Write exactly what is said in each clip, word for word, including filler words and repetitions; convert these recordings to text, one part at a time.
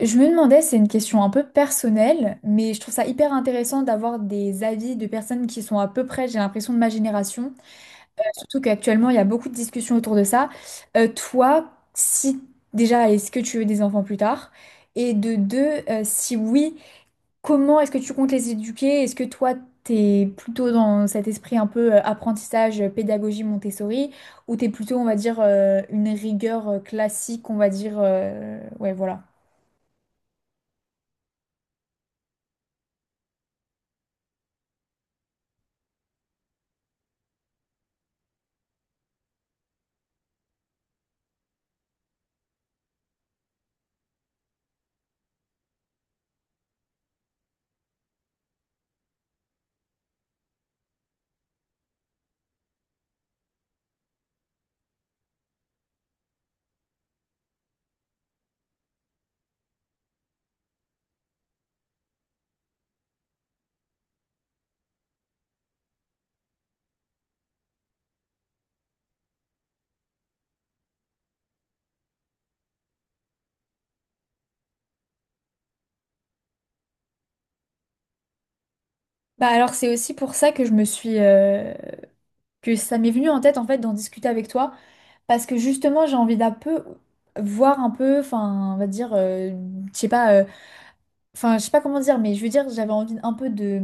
Je me demandais, c'est une question un peu personnelle, mais je trouve ça hyper intéressant d'avoir des avis de personnes qui sont à peu près, j'ai l'impression, de ma génération. Surtout qu'actuellement, il y a beaucoup de discussions autour de ça. Euh, toi, si déjà, est-ce que tu veux des enfants plus tard? Et de deux, euh, si oui, comment est-ce que tu comptes les éduquer? Est-ce que toi, t'es plutôt dans cet esprit un peu euh, apprentissage, euh, pédagogie Montessori, ou t'es plutôt, on va dire, euh, une rigueur euh, classique, on va dire, euh, ouais, voilà. Bah alors c'est aussi pour ça que je me suis euh, que ça m'est venu en tête en fait d'en discuter avec toi parce que justement j'ai envie d'un peu voir un peu enfin on va dire euh, je sais pas euh, enfin je sais pas comment dire mais je veux dire j'avais envie un peu de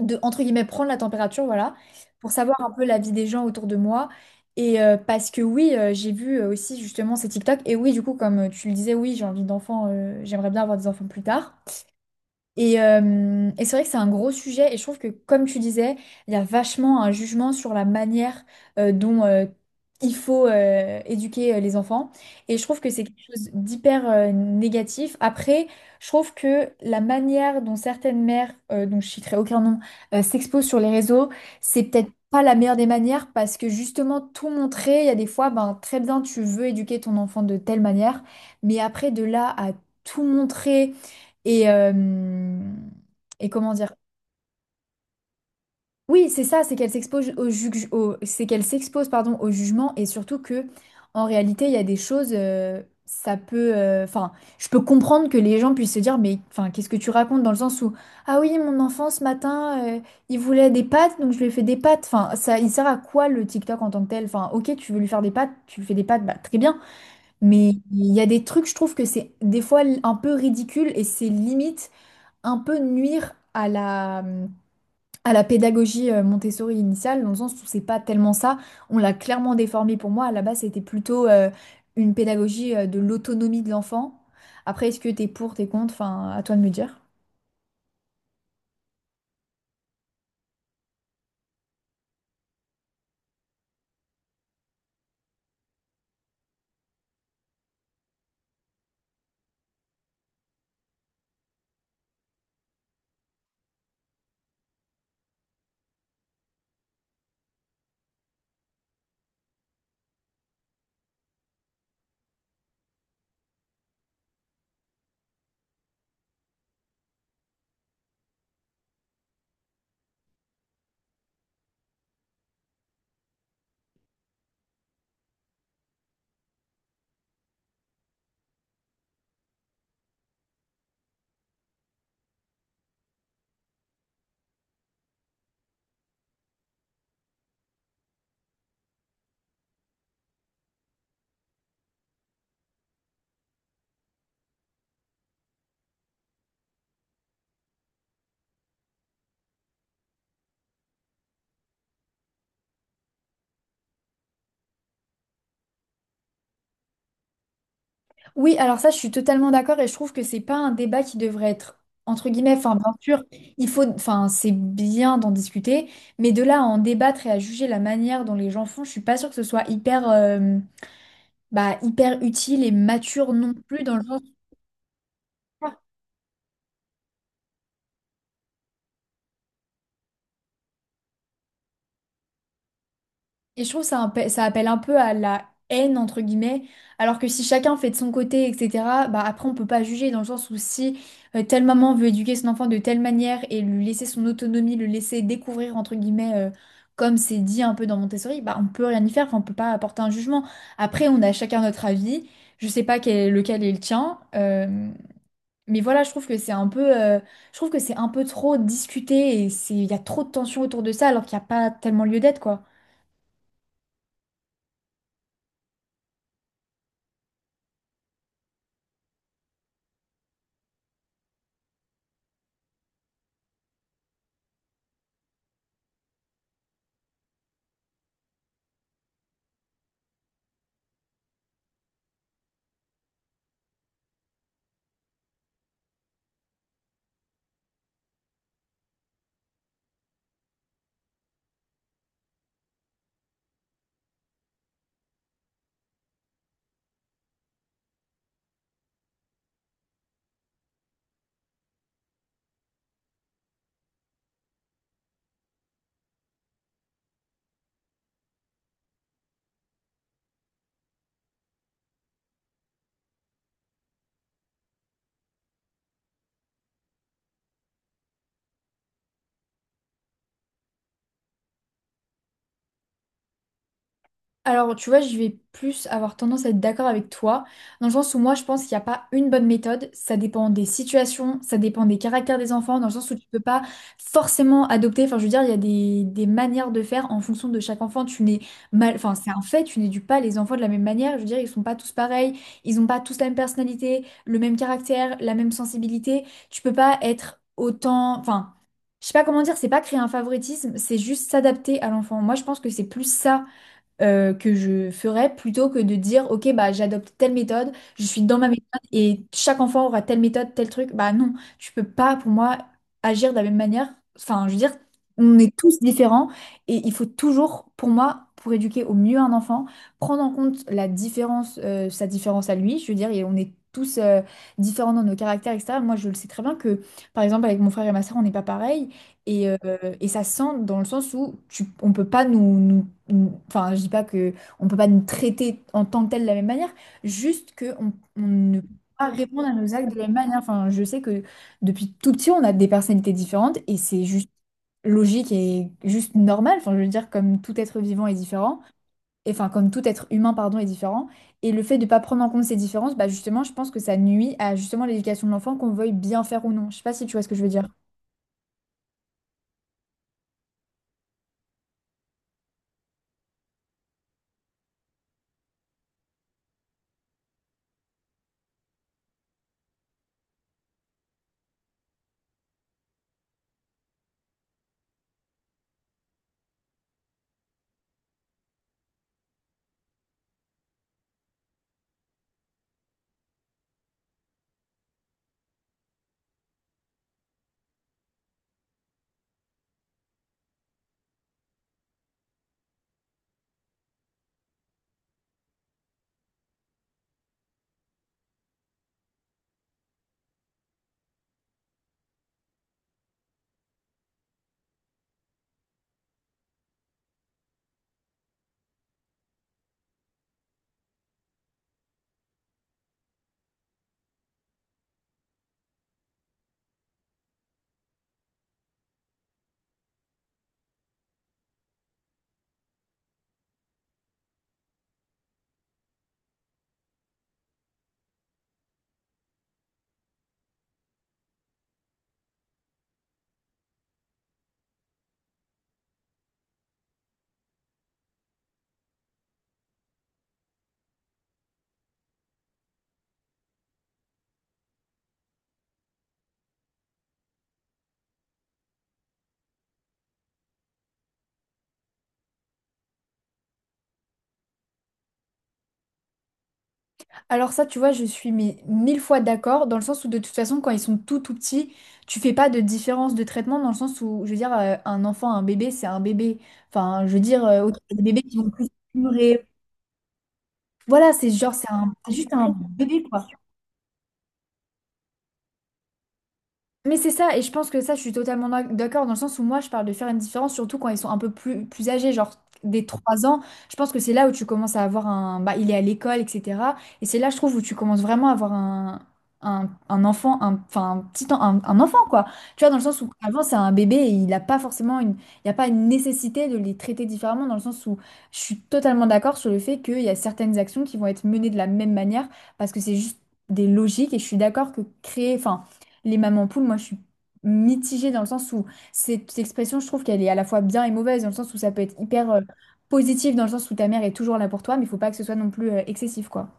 de entre guillemets prendre la température voilà pour savoir un peu la vie des gens autour de moi et euh, parce que oui euh, j'ai vu euh, aussi justement ces TikTok et oui du coup comme euh, tu le disais oui j'ai envie d'enfants euh, j'aimerais bien avoir des enfants plus tard et, euh, et c'est vrai que c'est un gros sujet et je trouve que comme tu disais, il y a vachement un jugement sur la manière euh, dont euh, il faut euh, éduquer euh, les enfants et je trouve que c'est quelque chose d'hyper euh, négatif. Après, je trouve que la manière dont certaines mères, euh, dont je citerai aucun nom, euh, s'exposent sur les réseaux, c'est peut-être pas la meilleure des manières parce que justement tout montrer, il y a des fois, ben très bien, tu veux éduquer ton enfant de telle manière, mais après de là à tout montrer et, euh, et comment dire? Oui, c'est ça, c'est qu'elle s'expose au juge, au- c'est qu'elle s'expose, pardon, au jugement et surtout que, en réalité, il y a des choses, euh, ça peut, euh, enfin, je peux comprendre que les gens puissent se dire, mais, enfin, qu'est-ce que tu racontes dans le sens où, ah oui, mon enfant ce matin, euh, il voulait des pâtes, donc je lui ai fait des pâtes. Enfin, ça, il sert à quoi le TikTok en tant que tel? Enfin, ok, tu veux lui faire des pâtes, tu lui fais des pâtes, bah très bien. Mais il y a des trucs, je trouve que c'est des fois un peu ridicule et c'est limite un peu nuire à la, à la pédagogie euh, Montessori initiale, dans le sens où c'est pas tellement ça. On l'a clairement déformé pour moi. À la base, c'était plutôt euh, une pédagogie euh, de l'autonomie de l'enfant. Après, est-ce que t'es pour, t'es contre? Enfin, à toi de me dire. Oui, alors ça, je suis totalement d'accord et je trouve que c'est pas un débat qui devrait être entre guillemets. Enfin, bien sûr, il faut, enfin, c'est bien d'en discuter, mais de là à en débattre et à juger la manière dont les gens font, je suis pas sûre que ce soit hyper, euh, bah, hyper utile et mature non plus dans le sens. Et je trouve que ça, impa- ça appelle un peu à la haine, entre guillemets, alors que si chacun fait de son côté, et cetera, bah après on peut pas juger dans le sens où si euh, telle maman veut éduquer son enfant de telle manière et lui laisser son autonomie, le laisser découvrir, entre guillemets, euh, comme c'est dit un peu dans Montessori, bah on peut rien y faire, enfin on peut pas apporter un jugement. Après on a chacun notre avis, je sais pas quel, lequel est le tien, euh, mais voilà, je trouve que c'est un peu, euh, je trouve que c'est un peu trop discuté et c'est, il y a trop de tensions autour de ça alors qu'il n'y a pas tellement lieu d'être, quoi. Alors, tu vois, je vais plus avoir tendance à être d'accord avec toi, dans le sens où moi, je pense qu'il n'y a pas une bonne méthode. Ça dépend des situations, ça dépend des caractères des enfants, dans le sens où tu peux pas forcément adopter. Enfin, je veux dire, il y a des, des manières de faire en fonction de chaque enfant. Tu n'es mal, enfin, c'est un fait, tu n'éduques pas les enfants de la même manière. Je veux dire, ils sont pas tous pareils, ils n'ont pas tous la même personnalité, le même caractère, la même sensibilité. Tu peux pas être autant, enfin. Je sais pas comment dire, c'est pas créer un favoritisme, c'est juste s'adapter à l'enfant. Moi, je pense que c'est plus ça euh, que je ferais plutôt que de dire, OK, bah, j'adopte telle méthode, je suis dans ma méthode et chaque enfant aura telle méthode, tel truc. Bah non, tu peux pas, pour moi, agir de la même manière. Enfin, je veux dire, on est tous différents et il faut toujours, pour moi, pour éduquer au mieux un enfant, prendre en compte la différence, euh, sa différence à lui. Je veux dire, et on est tous euh, différents dans nos caractères, et cetera. Moi, je le sais très bien que, par exemple, avec mon frère et ma soeur, on n'est pas pareil. Et, euh, et ça se sent dans le sens où tu, on peut pas nous, nous- nous- enfin, je dis pas que on peut pas nous traiter en tant que tel de la même manière, juste que on, on ne peut pas répondre à nos actes de la même manière. Enfin, je sais que depuis tout petit, on a des personnalités différentes et c'est juste logique et juste normal. Enfin, je veux dire, comme tout être vivant est différent, et enfin, comme tout être humain, pardon, est différent. Et le fait de pas prendre en compte ces différences, bah justement, je pense que ça nuit à justement l'éducation de l'enfant, qu'on veuille bien faire ou non. Je sais pas si tu vois ce que je veux dire. Alors ça, tu vois, je suis mais mille fois d'accord, dans le sens où de toute façon, quand ils sont tout tout petits, tu fais pas de différence de traitement, dans le sens où, je veux dire, euh, un enfant, un bébé, c'est un bébé. Enfin, je veux dire, euh, ok, il y a des bébés qui vont plus... Voilà, c'est genre, c'est un- c'est juste un bébé, quoi. Mais c'est ça, et je pense que ça, je suis totalement d'ac- d'accord dans le sens où moi, je parle de faire une différence, surtout quand ils sont un peu plus, plus âgés, genre des trois ans. Je pense que c'est là où tu commences à avoir un... Bah, il est à l'école, et cetera. Et c'est là, je trouve, où tu commences vraiment à avoir un, un, un enfant, un, enfin, un petit en- un, un enfant, quoi. Tu vois, dans le sens où avant, c'est un bébé et il n'a pas forcément une... Il n'y a pas une nécessité de les traiter différemment, dans le sens où je suis totalement d'accord sur le fait qu'il y a certaines actions qui vont être menées de la même manière, parce que c'est juste des logiques, et je suis d'accord que créer... Enfin, les mamans poules, moi, je suis mitigée dans le sens où cette expression, je trouve qu'elle est à la fois bien et mauvaise, dans le sens où ça peut être hyper euh, positif, dans le sens où ta mère est toujours là pour toi, mais il faut pas que ce soit non plus euh, excessif, quoi.